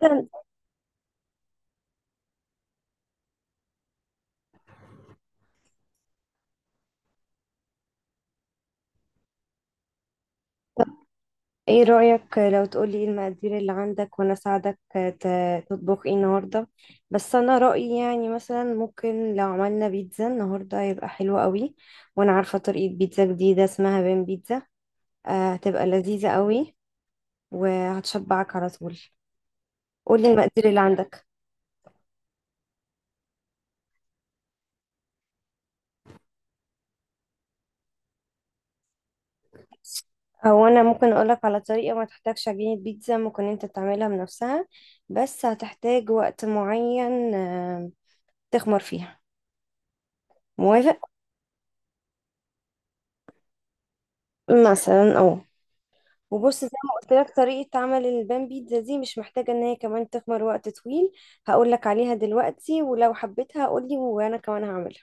مثلا، ايه رأيك لو تقولي ايه المقادير اللي عندك وانا اساعدك تطبخ ايه النهارده؟ بس انا رأيي يعني مثلا ممكن لو عملنا بيتزا النهارده هيبقى حلو قوي. وانا عارفة طريقة بيتزا جديدة اسمها بين بيتزا. هتبقى لذيذة قوي. وهتشبعك على طول. قولي المقادير اللي عندك. او انا ممكن اقولك على طريقة ما تحتاجش عجينة بيتزا، ممكن انت تعملها بنفسها. بس هتحتاج وقت معين، تخمر فيها. موافق؟ مثلا اه. وبص زي ما قلت لك طريقة عمل البان بيتزا دي مش محتاجة ان هي كمان تخمر وقت طويل. هقول لك عليها دلوقتي، ولو حبيتها قول لي وانا كمان هعملها.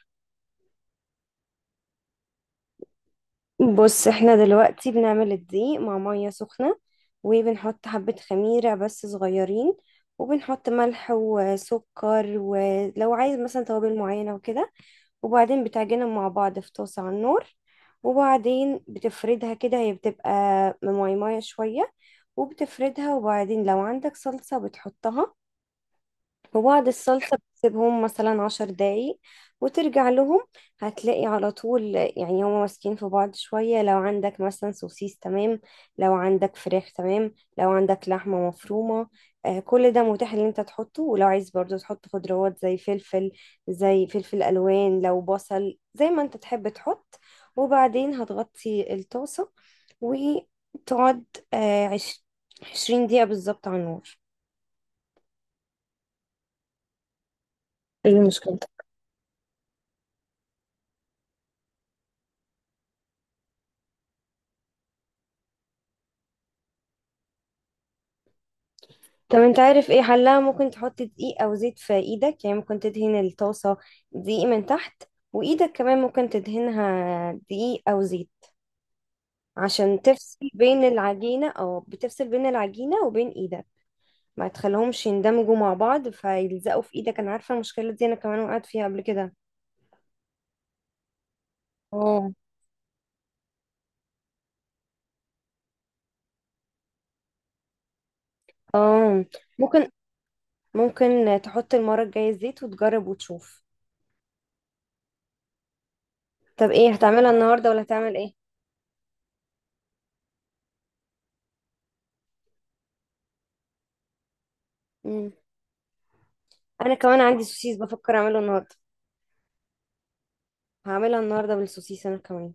بص، احنا دلوقتي بنعمل الدقيق مع مية سخنة. وبنحط حبة خميرة بس صغيرين. وبنحط ملح وسكر، ولو عايز مثلا توابل معينة وكده. وبعدين بتعجنهم مع بعض في طاسة على النار. وبعدين بتفردها كده، هي بتبقى ماي ماي شوية. وبتفردها، وبعدين لو عندك صلصة بتحطها. وبعد الصلصة بتسيبهم مثلا 10 دقايق. وترجع لهم. هتلاقي على طول يعني هما ماسكين في بعض شوية. لو عندك مثلا سوسيس تمام، لو عندك فراخ تمام، لو عندك لحمة مفرومة. آه، كل ده متاح ان انت تحطه، ولو عايز برضو تحط خضروات زي فلفل، زي فلفل الوان، لو بصل، زي ما انت تحب تحط. وبعدين هتغطي الطاسة وتقعد آه عش- 20 دقيقة بالظبط على النار. ايه المشكلة؟ طب انت عارف ايه حلها؟ ممكن تحط دقيق او زيت في ايدك، يعني ممكن تدهن الطاسة دقيق من تحت. وايدك كمان ممكن تدهنها دقيق او زيت، عشان تفصل بين العجينة، او بتفصل بين العجينة وبين ايدك. ما تخليهمش يندمجوا مع بعض فيلزقوا في ايدك. انا عارفة المشكلة دي، انا كمان وقعت فيها قبل كده. اه. اه، ممكن ممكن تحط المرة الجاية الزيت وتجرب وتشوف. طب ايه هتعملها النهاردة ولا هتعمل ايه؟ مم. انا كمان عندي سوسيس بفكر اعمله النهاردة. هعملها النهاردة بالسوسيس أنا كمان.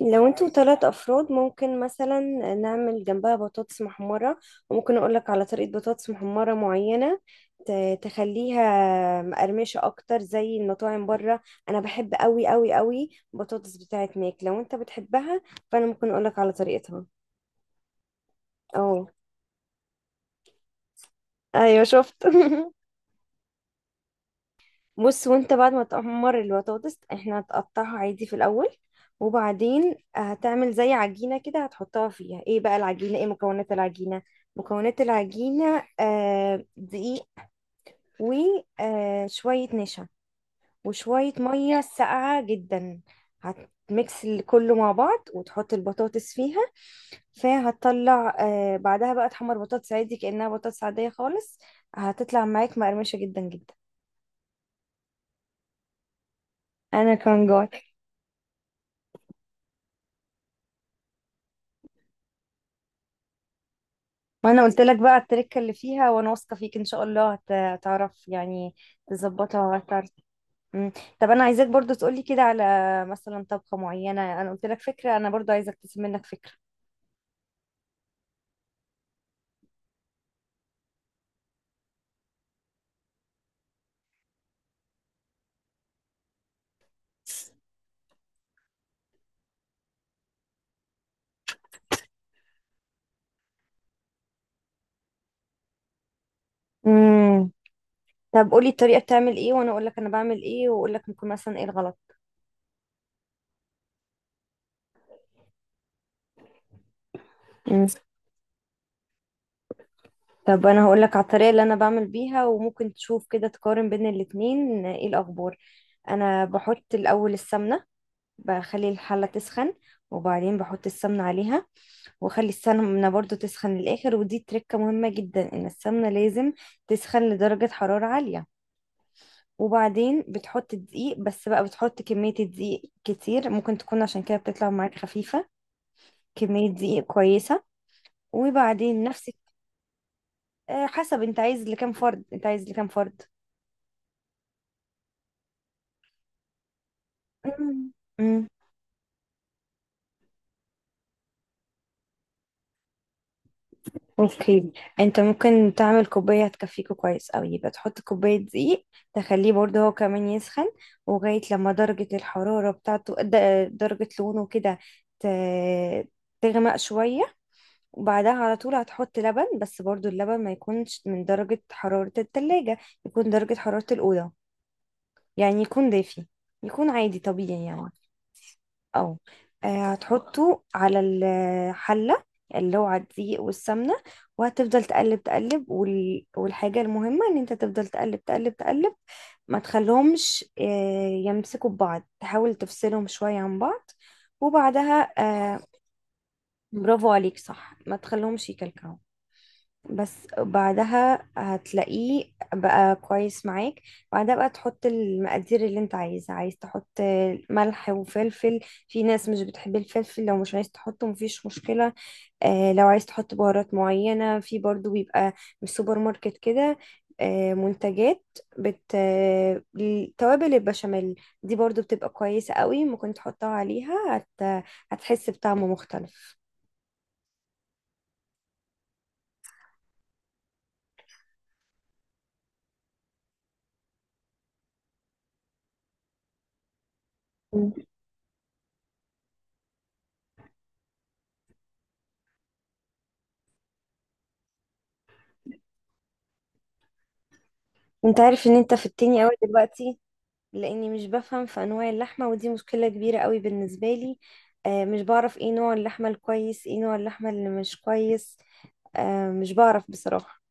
لو انتوا 3 أفراد ممكن مثلا نعمل جنبها بطاطس محمرة. وممكن أقولك على طريقة بطاطس محمرة معينة، تخليها مقرمشة أكتر زي المطاعم بره. أنا بحب أوي أوي أوي بطاطس بتاعت ماك لو انت بتحبها، فأنا ممكن أقولك على طريقتها. اه. أيوة، شفت بص، وانت بعد ما تحمر البطاطس احنا هتقطعها عادي في الاول. وبعدين هتعمل زي عجينه كده، هتحطها فيها. ايه بقى العجينه؟ ايه مكونات العجينه؟ مكونات العجينه دقيق، وشويه نشا، وشويه ميه ساقعه جدا. هتميكس كله مع بعض وتحط البطاطس فيها. فهتطلع، بعدها بقى تحمر بطاطس عادي كأنها بطاطس عادية خالص. هتطلع معاك مقرمشة جدا جدا. انا كان جوعت. ما انا قلت لك بقى التركه اللي فيها، وانا واثقه فيك ان شاء الله هتعرف يعني. تظبطها وهتعرف. مم. طب انا عايزاك برضو تقولي كده على مثلا طبخه معينه. انا قلت لك فكره، انا برضو عايزاك تسيب منك فكره. امم. طب قولي الطريقه بتعمل ايه وانا اقول لك انا بعمل ايه، واقول لك ممكن مثلا ايه الغلط. مم. طب انا هقول لك على الطريقه اللي انا بعمل بيها، وممكن تشوف كده تقارن بين الاتنين ايه الاخبار. انا بحط الاول السمنه. بخلي الحله تسخن. وبعدين بحط السمنه عليها، واخلي السمنة برضو تسخن للآخر. ودي تركة مهمة جدا ان السمنة لازم تسخن لدرجة حرارة عالية. وبعدين بتحط دقيق بس بقى، بتحط كمية الدقيق كتير ممكن تكون عشان كده بتطلع معاك خفيفة. كمية دقيق كويسة. وبعدين نفسك حسب انت عايز لكام فرد، انت عايز لكام فرد؟ مم. مم. اوكي. انت ممكن تعمل كوباية هتكفيكوا كويس اوي، يبقى تحط كوباية دقيق. تخليه برضه هو كمان يسخن. وغاية لما درجة الحرارة بتاعته درجة لونه كده ت- تغمق شوية. وبعدها على طول هتحط لبن، بس برضه اللبن ما يكونش من درجة حرارة التلاجة، يكون درجة حرارة الأوضة، يعني يكون دافي، يكون عادي طبيعي يعني. اه. هتحطه على الحلة اللي هو على الدقيق والسمنة. وهتفضل تقلب تقلب، والحاجة المهمة ان انت تفضل تقلب تقلب تقلب. ما تخليهمش يمسكوا ببعض، تحاول تفصلهم شوية عن بعض. وبعدها آه، برافو عليك، صح، ما تخليهمش يكلكعوا. بس بعدها هتلاقيه بقى كويس معاك. بعدها بقى تحط المقادير اللي انت عايزها. عايز تحط ملح وفلفل. في ناس مش بتحب الفلفل، لو مش عايز تحطه مفيش مشكلة. آه، لو عايز تحط بهارات معينة، في برضو بيبقى من السوبر ماركت كده، آه، منتجات بت آه، توابل البشاميل دي برضو بتبقى كويسة قوي ممكن تحطها عليها. هتحس بطعم مختلف. مم. انت عارف ان انت في التاني قوي دلوقتي؟ لاني مش بفهم في انواع اللحمه، ودي مشكله كبيره قوي بالنسبه لي. آه، مش بعرف ايه نوع اللحمه الكويس، ايه نوع اللحمه اللي مش كويس. آه، مش بعرف بصراحه.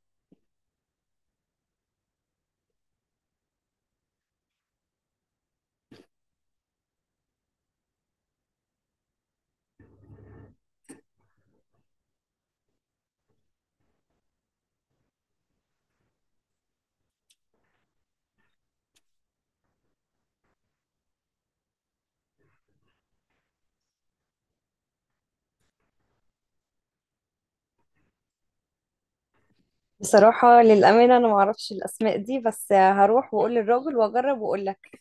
بصراحه، للامانه، انا ما اعرفش الاسماء دي، بس هروح واقول للراجل واجرب واقول لك.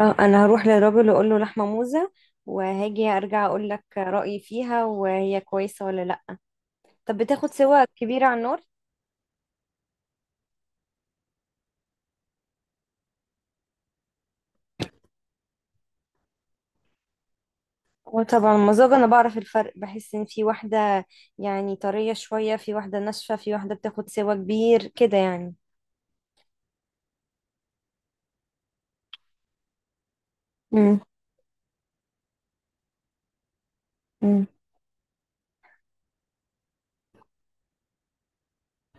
اه، انا هروح للراجل واقول له لحمه موزه، وهاجي ارجع اقول لك رايي فيها، وهي كويسه ولا لا. طب بتاخد سوا كبيره على النار. وطبعا المزاج، انا بعرف الفرق، بحس ان في واحدة يعني طرية شوية، في واحدة ناشفة، في واحدة بتاخد سوا كبير كده يعني. امم. امم.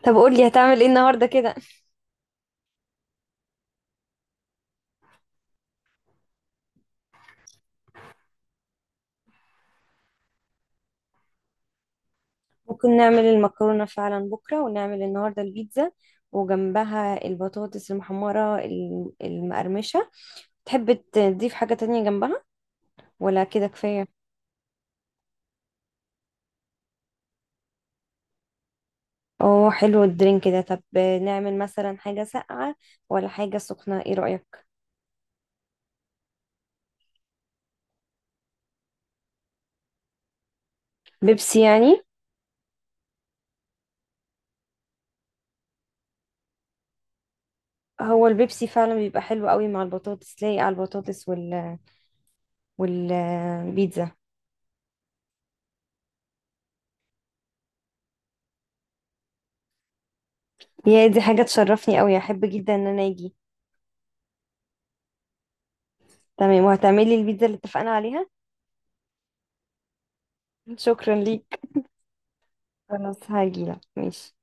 طب قولي هتعمل ايه النهاردة كده؟ ممكن نعمل المكرونة فعلا بكرة، ونعمل النهاردة البيتزا وجنبها البطاطس المحمرة المقرمشة. تحب تضيف حاجة تانية جنبها، ولا كده كفاية؟ اه، حلو الدرينك ده. طب نعمل مثلا حاجة ساقعة ولا حاجة سخنة، ايه رأيك؟ بيبسي يعني؟ هو البيبسي فعلا بيبقى حلو قوي مع البطاطس، لايق على البطاطس والبيتزا. يا دي حاجة تشرفني قوي، احب جدا ان انا اجي. تمام، وهتعملي البيتزا اللي اتفقنا عليها. شكرا ليك. خلاص، هاجيلك، ماشي.